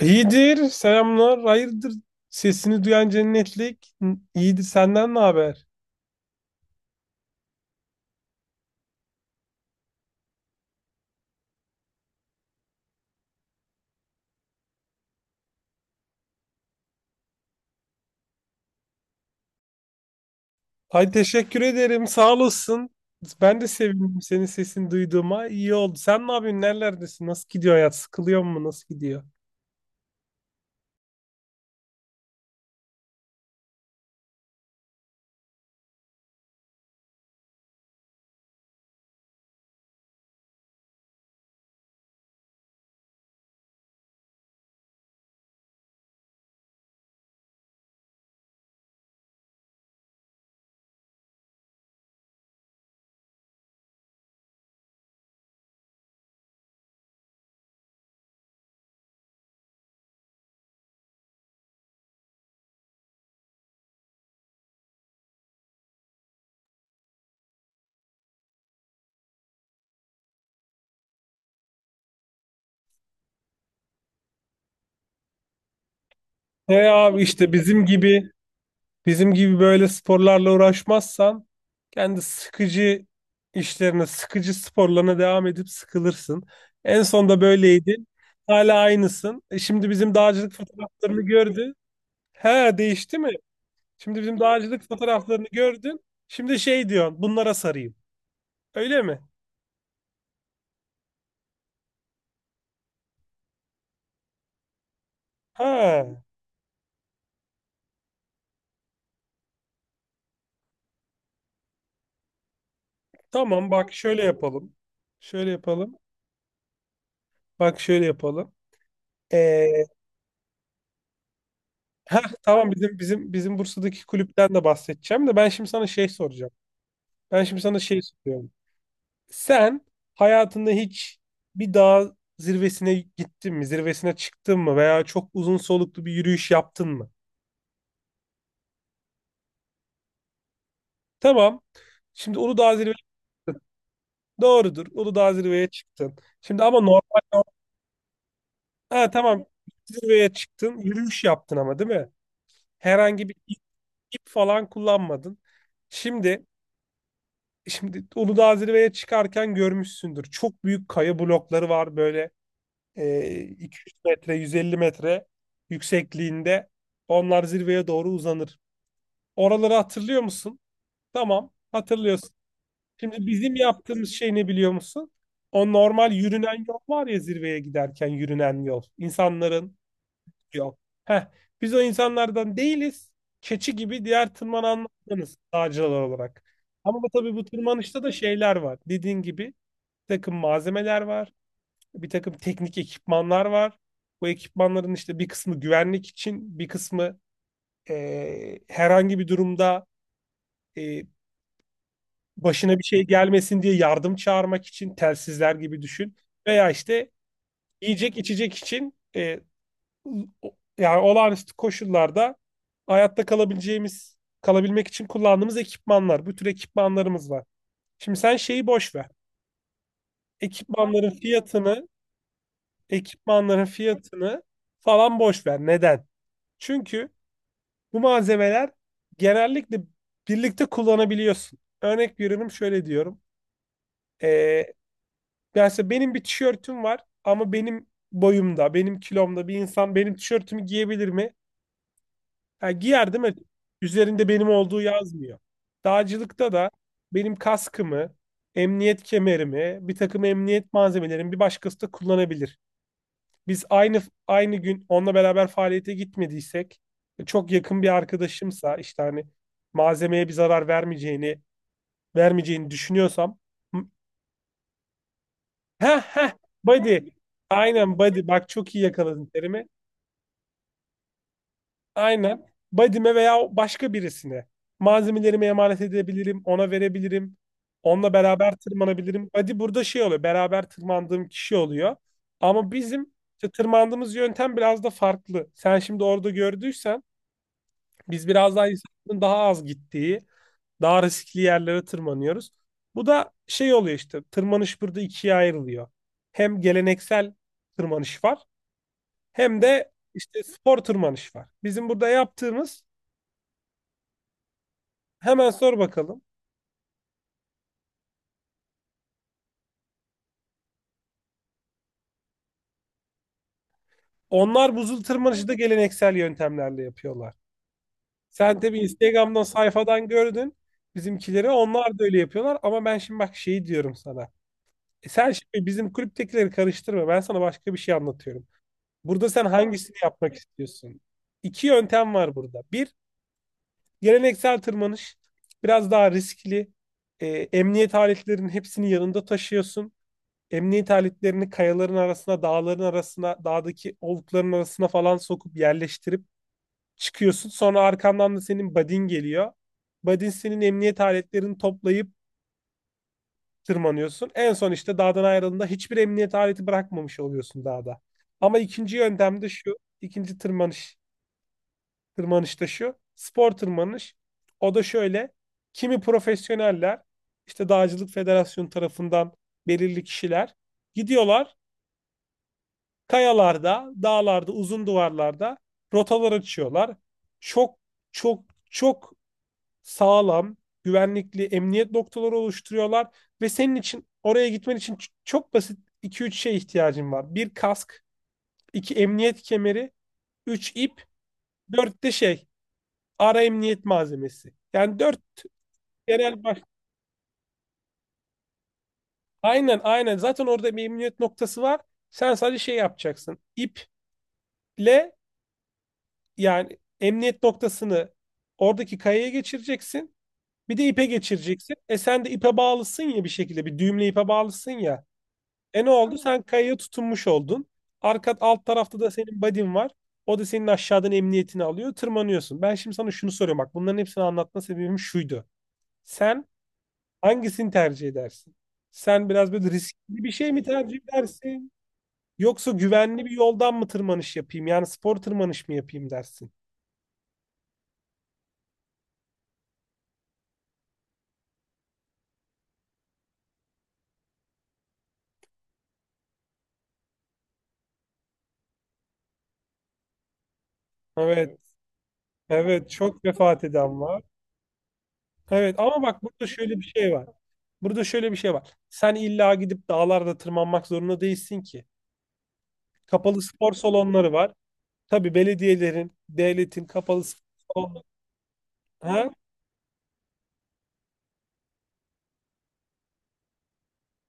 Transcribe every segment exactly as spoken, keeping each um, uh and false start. İyidir, selamlar, hayırdır? Sesini duyan cennetlik. N- İyidir, senden ne haber? Ay teşekkür ederim, sağ olasın. Ben de sevindim senin sesini duyduğuma. İyi oldu. Sen ne yapıyorsun? Nerelerdesin? Nasıl gidiyor hayat? Sıkılıyor mu? Nasıl gidiyor? E abi işte bizim gibi bizim gibi böyle sporlarla uğraşmazsan kendi sıkıcı işlerine, sıkıcı sporlarına devam edip sıkılırsın. En son da böyleydin. Hala aynısın. E şimdi bizim dağcılık fotoğraflarını gördün. He, değişti mi? Şimdi bizim dağcılık fotoğraflarını gördün. Şimdi şey diyorsun, bunlara sarayım. Öyle mi? Ha, tamam, bak şöyle yapalım. Şöyle yapalım. Bak şöyle yapalım. Ee, heh, tamam, bizim bizim bizim Bursa'daki kulüpten de bahsedeceğim de ben şimdi sana şey soracağım. Ben şimdi sana şey soruyorum. Sen hayatında hiç bir dağ zirvesine gittin mi? Zirvesine çıktın mı? Veya çok uzun soluklu bir yürüyüş yaptın mı? Tamam. Şimdi Uludağ... Doğrudur. Uludağ zirveye çıktın. Şimdi ama normal... Ha, tamam. Zirveye çıktın. Yürüyüş yaptın ama değil mi? Herhangi bir ip, ip falan kullanmadın. Şimdi, şimdi Uludağ zirveye çıkarken görmüşsündür. Çok büyük kaya blokları var böyle, e, iki yüz metre, yüz elli metre yüksekliğinde. Onlar zirveye doğru uzanır. Oraları hatırlıyor musun? Tamam, hatırlıyorsun. Şimdi bizim yaptığımız şey ne biliyor musun? O normal yürünen yol var ya, zirveye giderken yürünen yol. İnsanların yol. Heh, biz o insanlardan değiliz. Keçi gibi diğer tırmananlardanız dağcılar olarak. Ama bu tabii, bu tırmanışta da şeyler var. Dediğin gibi bir takım malzemeler var. Bir takım teknik ekipmanlar var. Bu ekipmanların işte bir kısmı güvenlik için, bir kısmı eee, herhangi bir durumda, e, başına bir şey gelmesin diye yardım çağırmak için telsizler gibi düşün. Veya işte yiyecek içecek için, e, o- yani olağanüstü koşullarda hayatta kalabileceğimiz, kalabilmek için kullandığımız ekipmanlar. Bu tür ekipmanlarımız var. Şimdi sen şeyi boş ver. Ekipmanların fiyatını, ekipmanların fiyatını falan boş ver. Neden? Çünkü bu malzemeler genellikle birlikte kullanabiliyorsun. Örnek veriyorum, şöyle diyorum. E, Yani mesela benim bir tişörtüm var ama benim boyumda, benim kilomda bir insan benim tişörtümü giyebilir mi? Ha, giyer değil mi? Üzerinde benim olduğu yazmıyor. Dağcılıkta da benim kaskımı, emniyet kemerimi, bir takım emniyet malzemelerimi bir başkası da kullanabilir. Biz aynı aynı gün onunla beraber faaliyete gitmediysek, e, çok yakın bir arkadaşımsa, işte hani malzemeye bir zarar vermeyeceğini vermeyeceğini düşünüyorsam... Heh heh, body. Aynen, body. Bak, çok iyi yakaladın terimi. Aynen. Body'me veya başka birisine malzemelerimi emanet edebilirim. Ona verebilirim. Onunla beraber tırmanabilirim. Body burada şey oluyor, beraber tırmandığım kişi oluyor. Ama bizim işte tırmandığımız yöntem biraz da farklı. Sen şimdi orada gördüysen, biz biraz daha insanların daha az gittiği, daha riskli yerlere tırmanıyoruz. Bu da şey oluyor işte, tırmanış burada ikiye ayrılıyor. Hem geleneksel tırmanış var, hem de işte spor tırmanış var. Bizim burada yaptığımız... Hemen sor bakalım. Onlar buzul tırmanışı da geleneksel yöntemlerle yapıyorlar. Sen tabii Instagram'dan, sayfadan gördün bizimkileri. Onlar da öyle yapıyorlar ama ben şimdi bak şeyi diyorum sana. E, sen şimdi bizim kulüptekileri karıştırma. Ben sana başka bir şey anlatıyorum. Burada sen hangisini yapmak istiyorsun? İki yöntem var burada. Bir, geleneksel tırmanış. Biraz daha riskli. E, emniyet aletlerinin hepsini yanında taşıyorsun. Emniyet aletlerini kayaların arasına, dağların arasına, dağdaki olukların arasına falan sokup yerleştirip çıkıyorsun. Sonra arkandan da senin buddy'n geliyor. Buddy'n senin emniyet aletlerini toplayıp tırmanıyorsun. En son işte dağdan ayrıldığında hiçbir emniyet aleti bırakmamış oluyorsun dağda. Ama ikinci yöntem de şu, ikinci tırmanış, tırmanış da şu, spor tırmanış. O da şöyle: kimi profesyoneller, işte Dağcılık Federasyonu tarafından belirli kişiler, gidiyorlar, kayalarda, dağlarda, uzun duvarlarda rotalar açıyorlar. Çok, çok, çok sağlam, güvenlikli emniyet noktaları oluşturuyorlar ve senin için, oraya gitmen için ç- çok basit iki üç şeye ihtiyacın var. Bir, kask; iki, emniyet kemeri; üç, ip; dört de şey, ara emniyet malzemesi. Yani dört genel baş... Aynen, aynen, zaten orada bir emniyet noktası var. Sen sadece şey yapacaksın. İple... Yani emniyet noktasını oradaki kayaya geçireceksin. Bir de ipe geçireceksin. E, sen de ipe bağlısın ya bir şekilde. Bir düğümle ipe bağlısın ya. E, ne oldu? Sen kayaya tutunmuş oldun. Arka alt tarafta da senin buddy'n var. O da senin aşağıdan emniyetini alıyor. Tırmanıyorsun. Ben şimdi sana şunu soruyorum. Bak, bunların hepsini anlatma sebebim şuydu. Sen hangisini tercih edersin? Sen biraz böyle riskli bir şey mi tercih edersin? Yoksa güvenli bir yoldan mı tırmanış yapayım, yani spor tırmanış mı yapayım dersin? Evet, evet, çok vefat eden var. Evet, ama bak, burada şöyle bir şey var. Burada şöyle bir şey var. Sen illa gidip dağlarda tırmanmak zorunda değilsin ki. Kapalı spor salonları var. Tabii, belediyelerin, devletin kapalı spor salonları. Ha?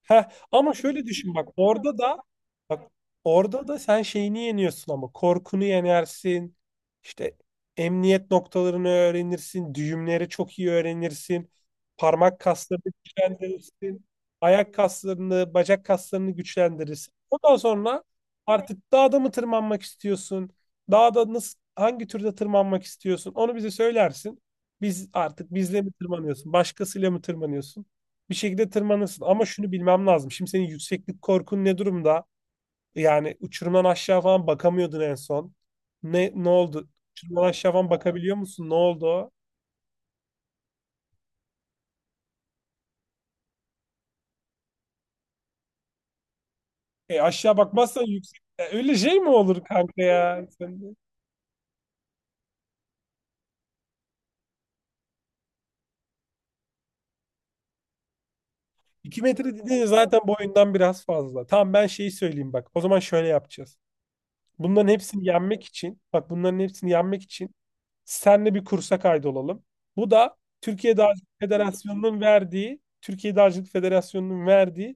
Heh, ama şöyle düşün, bak, orada da bak orada da sen şeyini yeniyorsun, ama korkunu yenersin. İşte emniyet noktalarını öğrenirsin, düğümleri çok iyi öğrenirsin. Parmak kaslarını güçlendirirsin. Ayak kaslarını, bacak kaslarını güçlendirirsin. Ondan sonra artık dağda mı tırmanmak istiyorsun, dağda nasıl, hangi türde tırmanmak istiyorsun, onu bize söylersin. Biz, artık bizle mi tırmanıyorsun, başkasıyla mı tırmanıyorsun, bir şekilde tırmanırsın. Ama şunu bilmem lazım: şimdi senin yükseklik korkun ne durumda? Yani uçurumdan aşağı falan bakamıyordun en son. Ne ne oldu? Uçurumdan aşağı falan bakabiliyor musun? Ne oldu? O? E, aşağı bakmazsan yüksek... E, öyle şey mi olur kanka ya? Sen de- İki metre dediğin zaten boyundan biraz fazla. Tamam, ben şeyi söyleyeyim bak. O zaman şöyle yapacağız. Bunların hepsini yenmek için, bak bunların hepsini yenmek için Senle bir kursa kaydolalım. Bu da Türkiye Dağcılık Federasyonu'nun verdiği, Türkiye Dağcılık Federasyonu'nun verdiği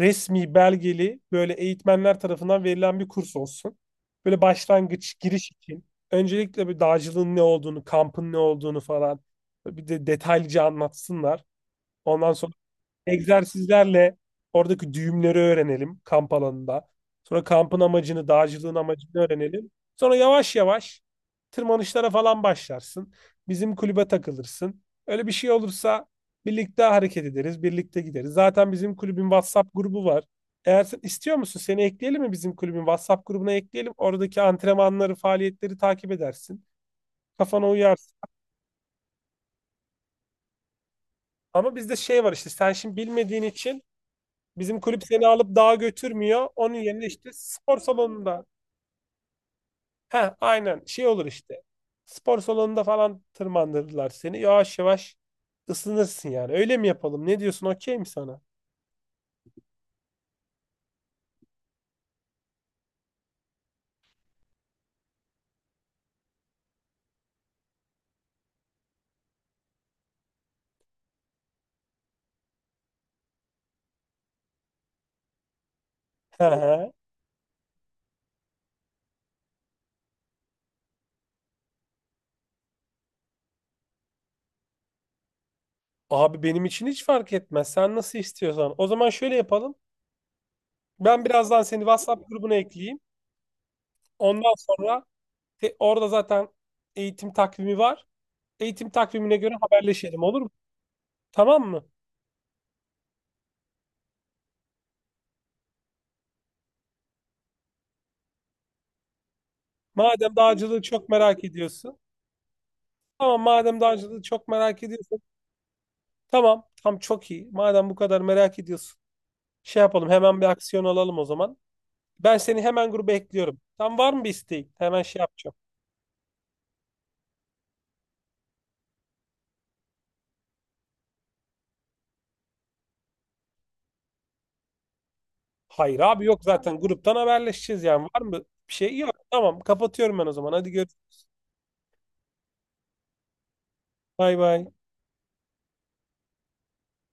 resmi belgeli, böyle eğitmenler tarafından verilen bir kurs olsun. Böyle başlangıç, giriş için. Öncelikle bir dağcılığın ne olduğunu, kampın ne olduğunu falan bir de detaylıca anlatsınlar. Ondan sonra egzersizlerle oradaki düğümleri öğrenelim kamp alanında. Sonra kampın amacını, dağcılığın amacını öğrenelim. Sonra yavaş yavaş tırmanışlara falan başlarsın. Bizim kulübe takılırsın. Öyle bir şey olursa birlikte hareket ederiz, birlikte gideriz. Zaten bizim kulübün WhatsApp grubu var. Eğer sen istiyor musun, seni ekleyelim mi, bizim kulübün WhatsApp grubuna ekleyelim. Oradaki antrenmanları, faaliyetleri takip edersin. Kafana uyarsın. Ama bizde şey var işte, sen şimdi bilmediğin için, bizim kulüp seni alıp dağa götürmüyor. Onun yerine işte spor salonunda... Ha, aynen, şey olur işte. Spor salonunda falan tırmandırırlar seni. Yavaş yavaş ısınırsın yani. Öyle mi yapalım? Ne diyorsun? Okey mi sana? Hı hı. Abi benim için hiç fark etmez. Sen nasıl istiyorsan. O zaman şöyle yapalım. Ben birazdan seni WhatsApp grubuna ekleyeyim. Ondan sonra te- orada zaten eğitim takvimi var. Eğitim takvimine göre haberleşelim, olur mu? Tamam mı? Madem dağcılığı çok merak ediyorsun. Tamam, madem dağcılığı çok merak ediyorsun. Tamam, tam çok iyi. Madem bu kadar merak ediyorsun, şey yapalım, hemen bir aksiyon alalım o zaman. Ben seni hemen gruba ekliyorum. Tam, var mı bir isteğin? Hemen şey yapacağım. Hayır abi, yok, zaten gruptan haberleşeceğiz yani. Var mı bir şey? Yok. Tamam, kapatıyorum ben o zaman. Hadi görüşürüz. Bay bay.